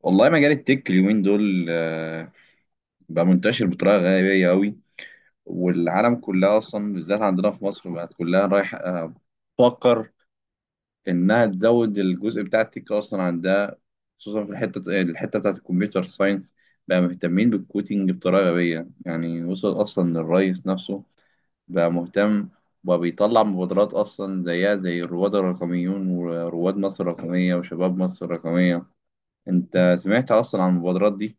والله مجال التك اليومين دول بقى منتشر بطريقة غبية أوي. والعالم كلها أصلا بالذات عندنا في مصر بقت كلها رايح تفكر إنها تزود الجزء بتاع التك أصلا عندها، خصوصا في الحتة الحتة بتاعة الكمبيوتر ساينس. بقى مهتمين بالكوتينج بطريقة غبية، يعني وصل أصلا للرئيس نفسه، بقى مهتم وبقى بيطلع مبادرات أصلا زيها زي الرواد الرقميون ورواد مصر الرقمية وشباب مصر الرقمية. أنت سمعت أصلا عن المبادرات دي؟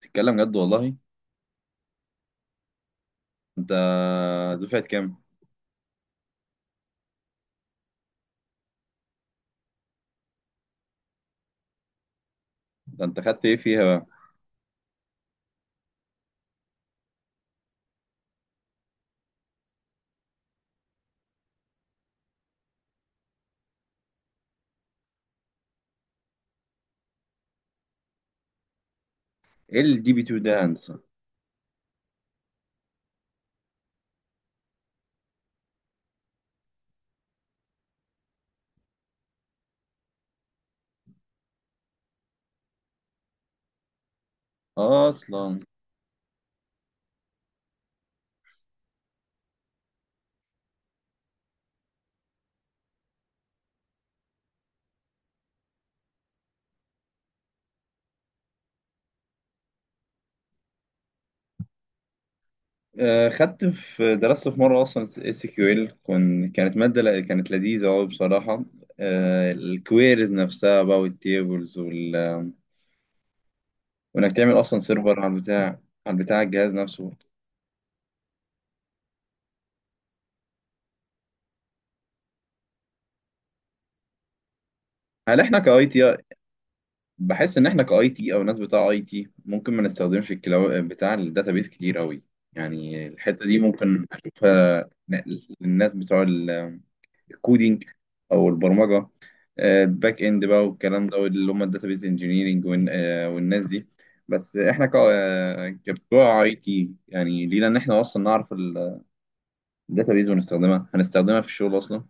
تتكلم جد والله؟ انت دفعة كام؟ ده انت خدت ايه فيها بقى؟ ايه الدي بي 2 ده يا هندسة؟ اصلا خدت درست في مرة اصلا اس كيو ال. كانت مادة كانت لذيذة قوي بصراحة. الكويريز نفسها بقى والتيبلز وال... وانك تعمل اصلا سيرفر على البتاع، على الجهاز نفسه. هل احنا كاي تي، بحس ان احنا كاي تي او ناس بتاع اي تي ممكن ما نستخدمش الكلاو بتاع الداتابيس كتير قوي. يعني الحته دي ممكن اشوفها نقل للناس بتوع الكودينج او البرمجه، الباك اند بقى والكلام ده اللي هم الداتابيس انجينيرنج والناس دي. بس احنا كبتوع اي تي يعني لينا ان احنا اصلا نعرف الداتابيس ونستخدمها، هنستخدمها في الشغل اصلا.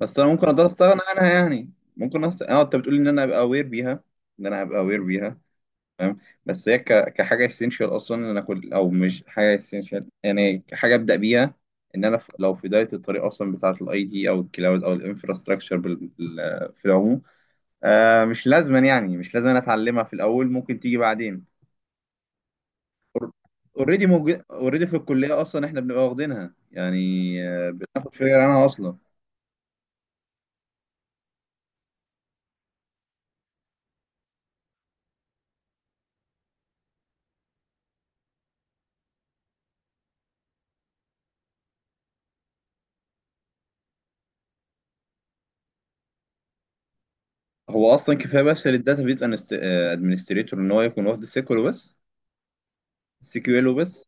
بس انا ممكن اقدر استغنى عنها يعني؟ ممكن اه انت بتقول ان انا ابقى اوير بيها، ان انا ابقى اوير بيها. فاهم. بس هي كحاجه اسينشال اصلا ان انا اكل، او مش حاجه اسينشال يعني كحاجه ابدا بيها، ان انا لو في بدايه الطريق اصلا بتاعه الاي تي او الكلاود او الانفراستراكشر في العموم. آه مش لازما، يعني مش لازم أنا اتعلمها في الاول، ممكن تيجي بعدين. اوريدي موجود، اوريدي في الكليه اصلا احنا بنبقى واخدينها يعني. بناخد فكره عنها اصلا. هو اصلا كفايه بس للداتابيز ادمنستريتور ان هو يكون واخد السيكول وبس، السي كيو ال وبس.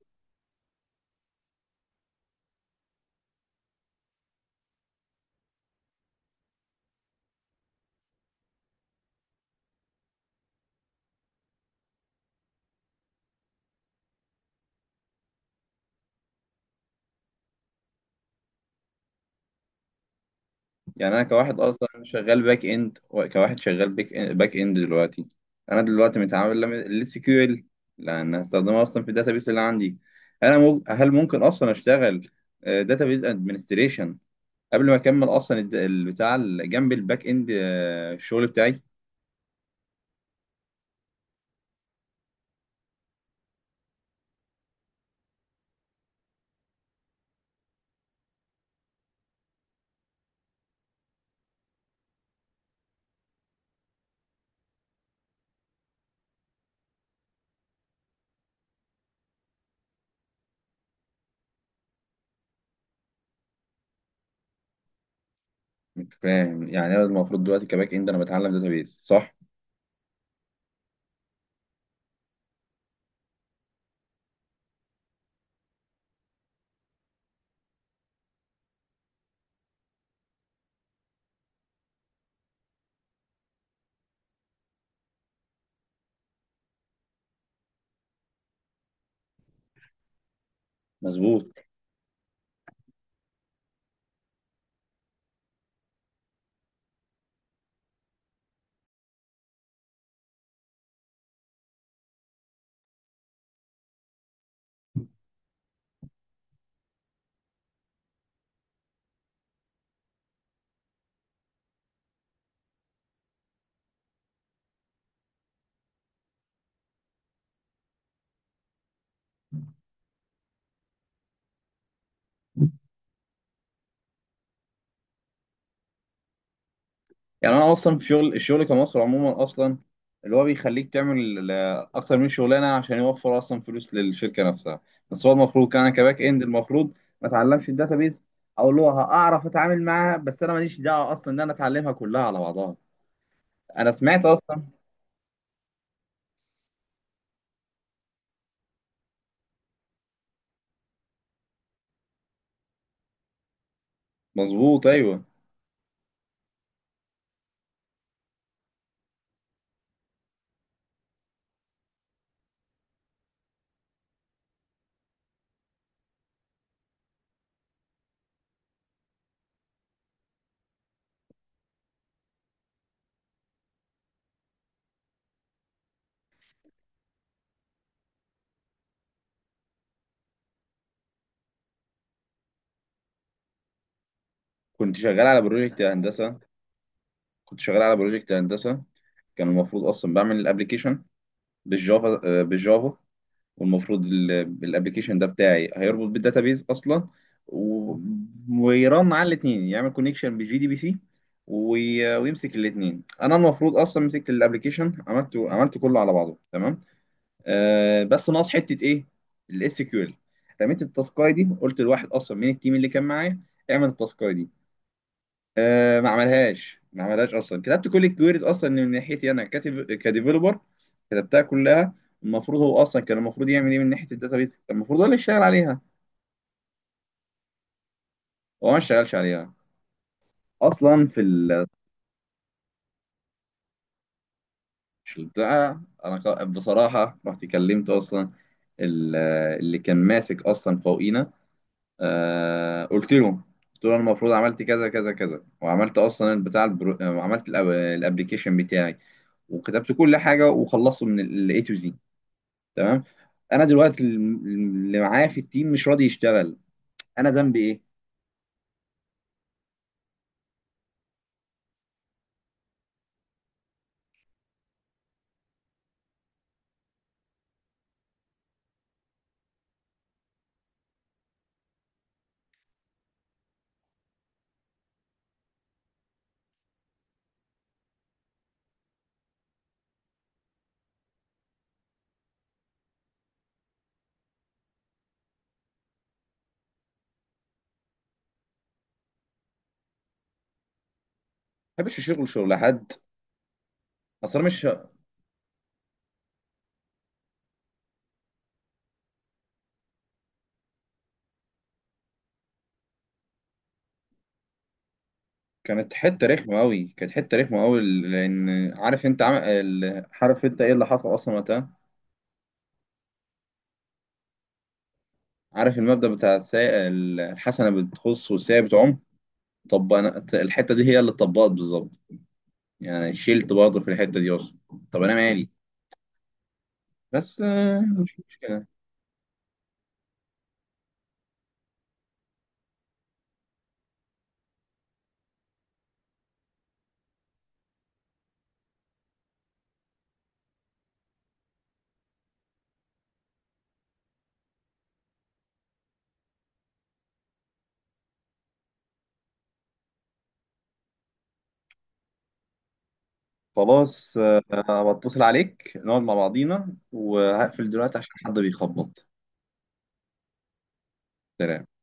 يعني انا كواحد اصلا شغال باك اند، باك إند دلوقتي، انا دلوقتي متعامل ال سي كيو ال لان هستخدمها اصلا في الداتابيس اللي عندي. هل ممكن اصلا اشتغل داتابيس ادمنستريشن قبل ما اكمل اصلا جنب الباك اند، الشغل بتاعي؟ مش فاهم، يعني انا المفروض دلوقتي كباك اند انا بتعلم داتابيس، صح؟ مظبوط. يعني انا اصلا في شغل، الشغل كمصر عموما اصلا اللي هو بيخليك تعمل اكتر من شغلانه عشان يوفر اصلا فلوس للشركه نفسها. بس هو المفروض، كان انا كباك اند المفروض ما اتعلمش الداتابيز، او اللي هو هعرف اتعامل معاها بس، انا ماليش دعوه اصلا ان انا اتعلمها كلها على بعضها. انا سمعت اصلا. مظبوط، ايوه. كنت شغال على بروجكت هندسه. كنت شغال على بروجكت هندسه. كان المفروض اصلا بعمل الابلكيشن بالجافا، والمفروض الابلكيشن ده بتاعي هيربط بالداتابيز اصلا و- ويرن على الاثنين، يعمل كونكشن بجي دي بي سي وي- ويمسك الاثنين. انا المفروض اصلا مسكت الابلكيشن، عملته، عملته كله على بعضه تمام. آه بس ناقص حته ايه؟ الاس كيو ال. رميت التاسكاي دي، قلت لواحد اصلا من التيم اللي كان معايا اعمل التاسكاي دي. آه ما عملهاش ما عملهاش اصلا. كتبت كل الكويريز اصلا من ناحيتي انا، كاتب كديفلوبر، كتبتها كلها. المفروض هو اصلا، كان المفروض يعمل ايه من ناحيه الداتابيز، كان المفروض هو اللي يشتغل عليها. هو ما اشتغلش عليها اصلا. في البتاع انا بصراحه رحت كلمت اصلا ال- اللي كان ماسك اصلا فوقينا. آه قلت له، قلت له انا المفروض عملت كذا كذا كذا، وعملت اصلا وعملت الابلكيشن بتاعي وكتبت كل حاجه وخلصت من الاي تو زي تمام. انا دلوقتي اللي معايا في التيم مش راضي يشتغل، انا ذنبي ايه؟ ما بحبش شغل حد اصلا، مش. كانت حته رخمه قوي، كانت حته رخمه قوي لان، عارف انت عارف انت ايه اللي حصل اصلا وقتها؟ عارف المبدأ بتاع الحسنه بتخص والسيئه بتعم؟ طب انا الحته دي هي اللي اتطبقت بالظبط، يعني شلت برضه في الحته دي اصلا. طب انا مالي؟ بس مش مشكله. خلاص انا بتصل عليك نقعد مع بعضينا، وهقفل دلوقتي عشان حد بيخبط. سلام.